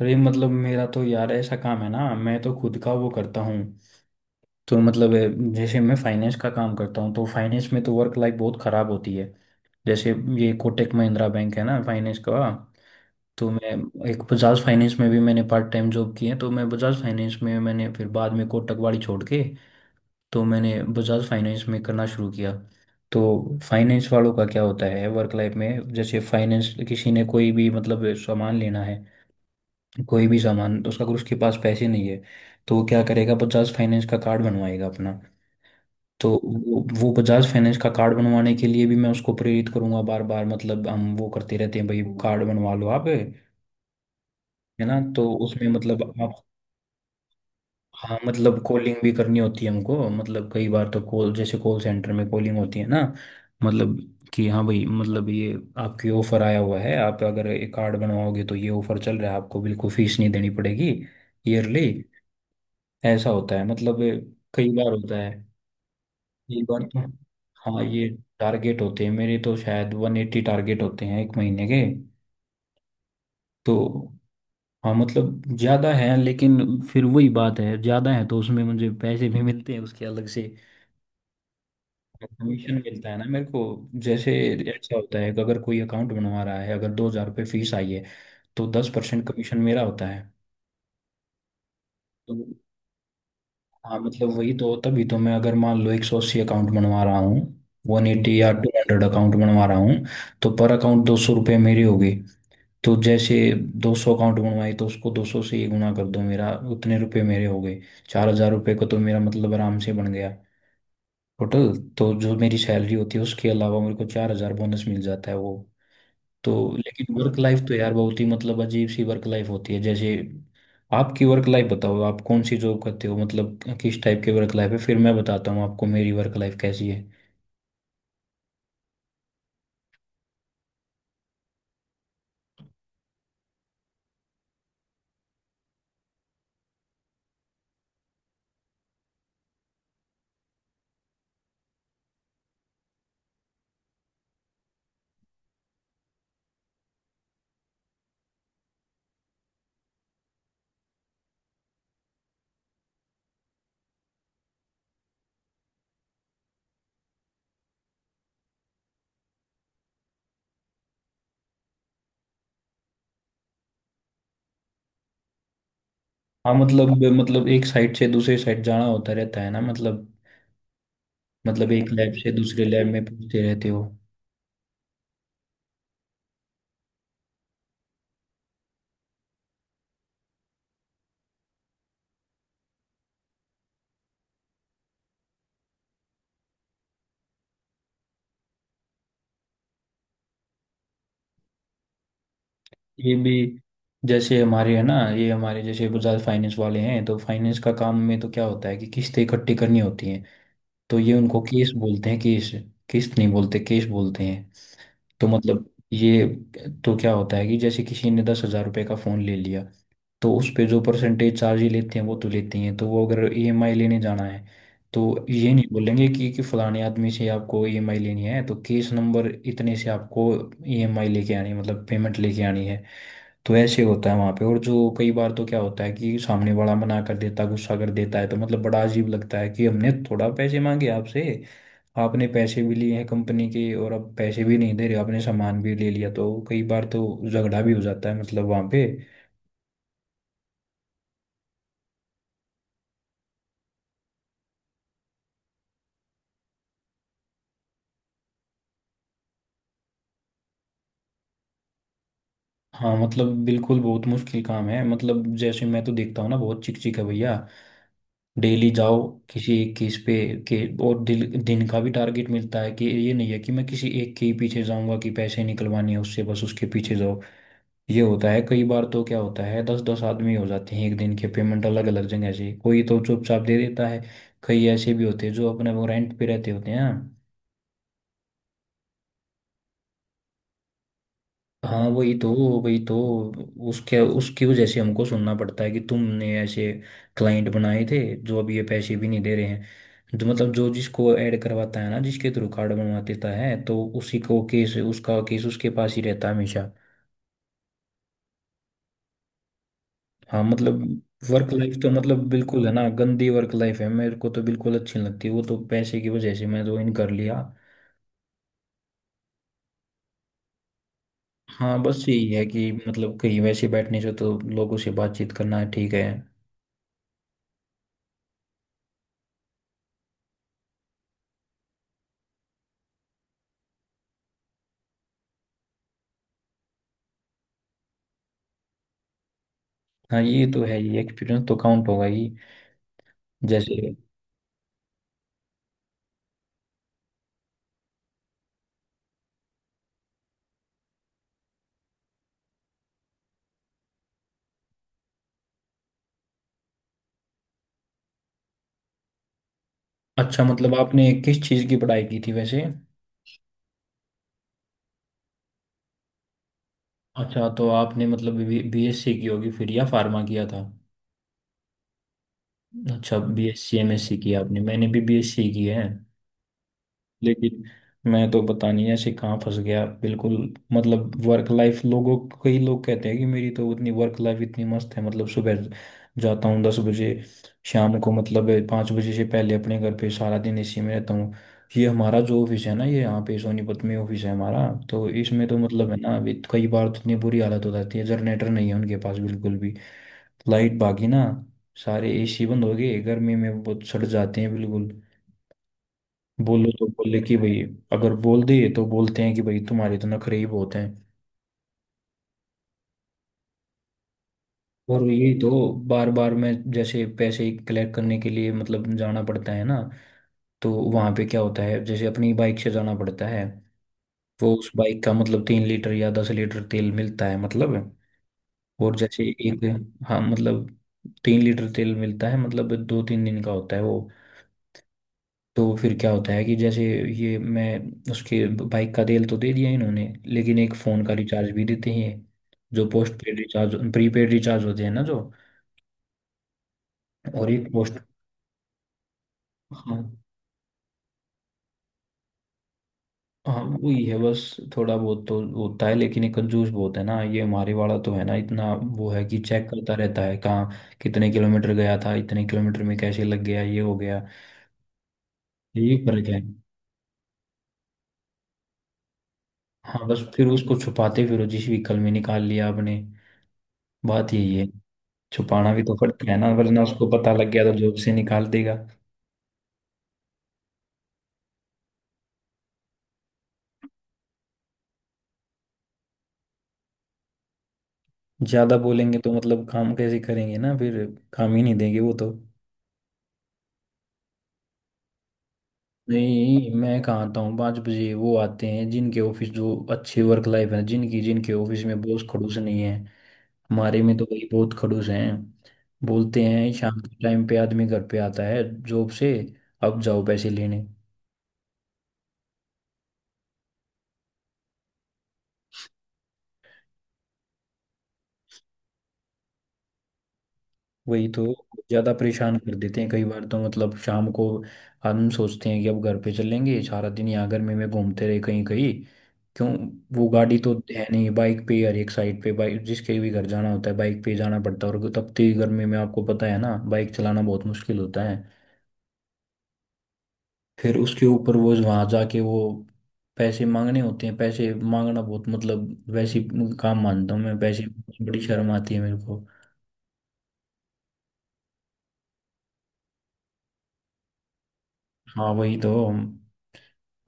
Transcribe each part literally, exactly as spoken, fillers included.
अरे मतलब मेरा तो यार ऐसा काम है ना, मैं तो खुद का वो करता हूँ। तो मतलब ए, जैसे मैं फाइनेंस का काम करता हूँ, तो फाइनेंस में तो वर्क लाइफ बहुत ख़राब होती है। जैसे ये कोटक महिंद्रा बैंक है ना फाइनेंस का। तो मैं एक बजाज फाइनेंस में भी मैंने पार्ट टाइम जॉब की है, तो मैं बजाज फाइनेंस में मैंने फिर बाद में कोटक वाली छोड़ के, तो मैंने बजाज फाइनेंस में करना शुरू किया। तो फाइनेंस वालों का क्या होता है वर्क लाइफ में, जैसे फाइनेंस किसी ने कोई भी मतलब सामान लेना है, कोई भी सामान तो उसका अगर उसके पास पैसे नहीं है, तो वो क्या करेगा, बजाज फाइनेंस का कार्ड बनवाएगा अपना। तो वो वो बजाज फाइनेंस का कार्ड बनवाने के लिए भी मैं उसको प्रेरित करूंगा बार बार, मतलब हम वो करते रहते हैं, भाई कार्ड बनवा लो आप, है ना। तो उसमें मतलब आप, हाँ मतलब कॉलिंग भी करनी होती है हमको, मतलब कई बार तो कॉल, जैसे कॉल सेंटर में कॉलिंग होती है ना, मतलब कि हाँ भाई मतलब ये आपके ऑफर आया हुआ है, आप अगर ये कार्ड बनवाओगे तो ये ऑफर चल रहा है, आपको बिल्कुल फीस नहीं देनी पड़ेगी ईयरली, ऐसा होता है मतलब। कई बार होता है। एक बार तो हाँ, ये टारगेट होते हैं मेरे, तो शायद वन एट्टी टारगेट होते हैं एक महीने के। तो हाँ मतलब ज़्यादा है, लेकिन फिर वही बात है, ज़्यादा है तो उसमें मुझे पैसे भी मिलते हैं उसके अलग से। कमीशन मिलता है ना मेरे को, जैसे ऐसा होता है कि अगर कोई अकाउंट बनवा रहा है, अगर दो हज़ार रुपये फीस आई है, तो दस परसेंट कमीशन मेरा होता है। तो हाँ मतलब वही तो, तभी तो मैं अगर मान लो एक सौ अस्सी अकाउंट बनवा रहा हूँ, वन एटी या टू हंड्रेड अकाउंट बनवा रहा हूँ, तो पर अकाउंट दो सौ रुपये मेरी होगी। तो जैसे दो सौ अकाउंट बनवाए तो उसको दो सौ से ही गुना कर दो, मेरा उतने रुपये मेरे हो गए, चार हजार रुपये को तो मेरा मतलब आराम से बन गया टोटल। तो जो मेरी सैलरी होती है उसके अलावा मेरे को चार हजार बोनस मिल जाता है वो। तो लेकिन वर्क लाइफ तो यार बहुत ही मतलब अजीब सी वर्क लाइफ होती है। जैसे आपकी वर्क लाइफ बताओ, आप कौन सी जॉब करते हो, मतलब किस टाइप की वर्क लाइफ है, फिर मैं बताता हूँ आपको मेरी वर्क लाइफ कैसी है। हाँ मतलब, मतलब एक साइड से दूसरे साइड जाना होता रहता है ना, मतलब मतलब एक लैब से दूसरे लैब में पहुंचते रहते हो। ये भी जैसे हमारे है ना, ये हमारे जैसे बजाज फाइनेंस वाले हैं, तो फाइनेंस का काम में तो क्या होता है कि किस्तें इकट्ठी करनी होती हैं। तो ये उनको केस बोलते हैं, केस। किस्त नहीं बोलते, केस बोलते हैं। तो मतलब ये, तो क्या होता है कि जैसे किसी ने दस हजार रुपये का फ़ोन ले लिया, तो उस पे जो परसेंटेज चार्ज ही लेते हैं वो तो लेते ही हैं, तो वो अगर ईएमआई लेने जाना है, तो ये नहीं बोलेंगे कि कि फलाने आदमी से आपको ईएमआई लेनी है, तो केस नंबर इतने से आपको ईएमआई लेके आनी है, मतलब पेमेंट लेके आनी है। तो ऐसे होता है वहाँ पे, और जो कई बार तो क्या होता है कि सामने वाला मना कर देता, गुस्सा कर देता है, तो मतलब बड़ा अजीब लगता है कि हमने थोड़ा पैसे मांगे आपसे, आपने पैसे भी लिए हैं कंपनी के और अब पैसे भी नहीं दे रहे, आपने सामान भी ले लिया, तो कई बार तो झगड़ा भी हो जाता है मतलब वहाँ पे। हाँ मतलब बिल्कुल बहुत मुश्किल काम है, मतलब जैसे मैं तो देखता हूँ ना, बहुत चिकचिक है भैया। डेली जाओ किसी एक केस पे के, और दिल, दिन का भी टारगेट मिलता है कि ये नहीं है कि मैं किसी एक के ही पीछे जाऊंगा, कि पैसे निकलवाने हैं उससे बस उसके पीछे जाओ। ये होता है कई बार, तो क्या होता है दस दस आदमी हो जाते हैं एक दिन के पेमेंट अलग अलग जगह से, कोई तो चुपचाप दे देता है, कई ऐसे भी होते हैं जो अपने वो रेंट पे रहते होते हैं। हाँ वही तो, वही तो उसके उसकी वजह से हमको सुनना पड़ता है कि तुमने ऐसे क्लाइंट बनाए थे, जो अब ये पैसे भी नहीं दे रहे हैं। जो मतलब जो जिसको ऐड करवाता है ना, जिसके थ्रू कार्ड बनवा देता है, तो उसी को केस, उसका केस उसके पास ही रहता है हमेशा। हाँ मतलब वर्क लाइफ तो मतलब बिल्कुल है ना, गंदी वर्क लाइफ है, मेरे को तो बिल्कुल अच्छी नहीं लगती, वो तो पैसे की वजह से मैं ज्वाइन कर लिया। हाँ बस यही है कि मतलब कहीं वैसे बैठने से तो लोगों से बातचीत करना है ठीक है। हाँ ये तो है, ये एक्सपीरियंस तो काउंट होगा ही। जैसे अच्छा मतलब आपने किस चीज़ की पढ़ाई की थी वैसे? अच्छा, तो आपने मतलब बीएससी की होगी फिर, या फार्मा किया था? अच्छा बीएससी एमएससी की आपने, मैंने भी बीएससी की है। लेकिन मैं तो पता नहीं ऐसे कहाँ फंस गया बिल्कुल। मतलब वर्क लाइफ लोगों, कई लोग कहते हैं कि मेरी तो उतनी वर्क लाइफ इतनी मस्त है, मतलब सुबह जाता हूँ दस बजे, शाम को मतलब पाँच बजे से पहले अपने घर पे, सारा दिन इसी में रहता हूँ। ये हमारा जो ऑफिस है ना, ये यहाँ पे सोनीपत में ऑफिस है हमारा, तो इसमें तो मतलब है ना, अभी कई बार तो इतनी बुरी हालत हो जाती है, जनरेटर नहीं है उनके पास बिल्कुल भी, लाइट भागी ना, सारे एसी बंद हो गए, गर्मी में बहुत सड़ जाते हैं बिल्कुल। बोलो तो बोले कि भाई, अगर बोल दिए तो बोलते हैं कि भाई तुम्हारे तो नखरे ही बहुत हैं। और यही तो बार बार में जैसे पैसे कलेक्ट करने के लिए मतलब जाना पड़ता है ना, तो वहाँ पे क्या होता है जैसे अपनी बाइक से जाना पड़ता है। वो उस बाइक का मतलब तीन लीटर या दस लीटर तेल मिलता है मतलब। और जैसे एक, हाँ मतलब तीन लीटर तेल मिलता है मतलब दो तीन दिन का होता है वो। तो फिर क्या होता है कि जैसे ये मैं उसके बाइक का तेल तो दे दिया इन्होंने, लेकिन एक फ़ोन का रिचार्ज भी देते हैं, जो postpaid recharge, prepaid recharge होते हैं ना जो, और एक पोस्ट, हाँ हाँ वही है बस। थोड़ा बहुत तो होता है, लेकिन ये कंजूस बहुत है ना ये हमारे वाला, तो है ना इतना, वो है कि चेक करता रहता है कहाँ कितने किलोमीटर गया था, इतने किलोमीटर में कैसे लग गया ये हो गया। यही फर्क है। हाँ बस फिर उसको छुपाते, फिर वो जिस व्हीकल में निकाल लिया आपने, बात यही है। छुपाना भी तो पड़ता है ना, वरना उसको पता लग गया तो जॉब से निकाल देगा। ज्यादा बोलेंगे तो मतलब काम कैसे करेंगे ना फिर, काम ही नहीं देंगे वो तो। नहीं मैं कहाँ आता हूँ पाँच बजे, वो आते हैं जिनके ऑफिस जो अच्छे वर्क लाइफ है जिनकी, जिनके ऑफिस में बॉस खड़ूस नहीं है। हमारे में तो भाई बहुत खड़ूस हैं, बोलते हैं शाम के टाइम पे आदमी घर पे आता है जॉब से, अब जाओ पैसे लेने। वही तो, ज़्यादा परेशान कर देते हैं कई बार, तो मतलब शाम को हम सोचते हैं कि अब घर पे चलेंगे, सारा दिन यहाँ गर्मी में घूमते रहे कहीं कहीं, क्यों, वो गाड़ी तो है नहीं, बाइक पे ही हर एक साइड पे बाइक, जिसके भी घर जाना होता है बाइक पे ही जाना पड़ता है, और तपती गर्मी में आपको पता है ना बाइक चलाना बहुत मुश्किल होता है। फिर उसके ऊपर वो वहां जाके वो पैसे मांगने होते हैं, पैसे मांगना बहुत मतलब वैसे ही काम मानता हूँ मैं, पैसे, बड़ी शर्म आती है मेरे को। हाँ वही तो,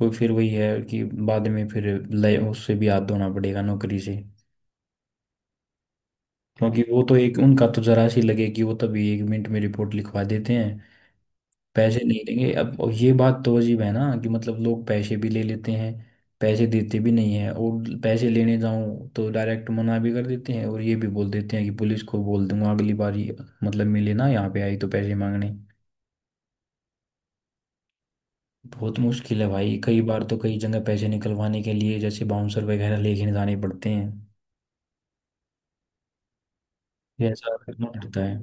वो फिर वही है कि बाद में फिर लय उससे भी हाथ धोना पड़ेगा नौकरी से। क्योंकि वो तो एक उनका तो जरा सी लगे कि वो तभी एक मिनट में रिपोर्ट लिखवा देते हैं, पैसे नहीं लेंगे अब। और ये बात तो अजीब है ना कि मतलब लोग पैसे भी ले लेते हैं, पैसे देते भी नहीं है, और पैसे लेने जाऊं तो डायरेक्ट मना भी कर देते हैं, और ये भी बोल देते हैं कि पुलिस को बोल दूंगा अगली बार, ये- मतलब मिले ना यहाँ पे आई तो पैसे मांगने। बहुत मुश्किल है भाई, कई बार तो कई जगह पैसे निकलवाने के लिए जैसे बाउंसर वगैरह लेके जाने पड़ते हैं, ये ऐसा करना पड़ता है।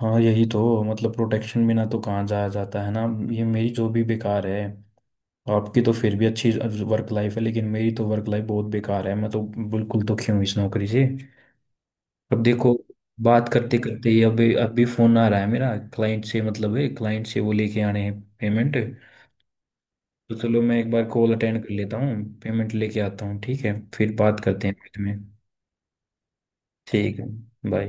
हाँ यही तो, मतलब प्रोटेक्शन बिना तो कहाँ जाया जाता है ना। ये मेरी जो भी बेकार है, आपकी तो फिर भी अच्छी वर्क लाइफ है, लेकिन मेरी तो वर्क लाइफ बहुत बेकार है, मैं तो बिल्कुल दुखी हूँ इस नौकरी से। अब देखो, बात करते करते ही अभी अभी फोन आ रहा है मेरा क्लाइंट से, मतलब है क्लाइंट से वो लेके आने हैं पेमेंट। तो चलो मैं एक बार कॉल अटेंड कर लेता हूँ, पेमेंट लेके आता हूँ ठीक है, फिर बात करते हैं बाद में। ठीक है, बाय।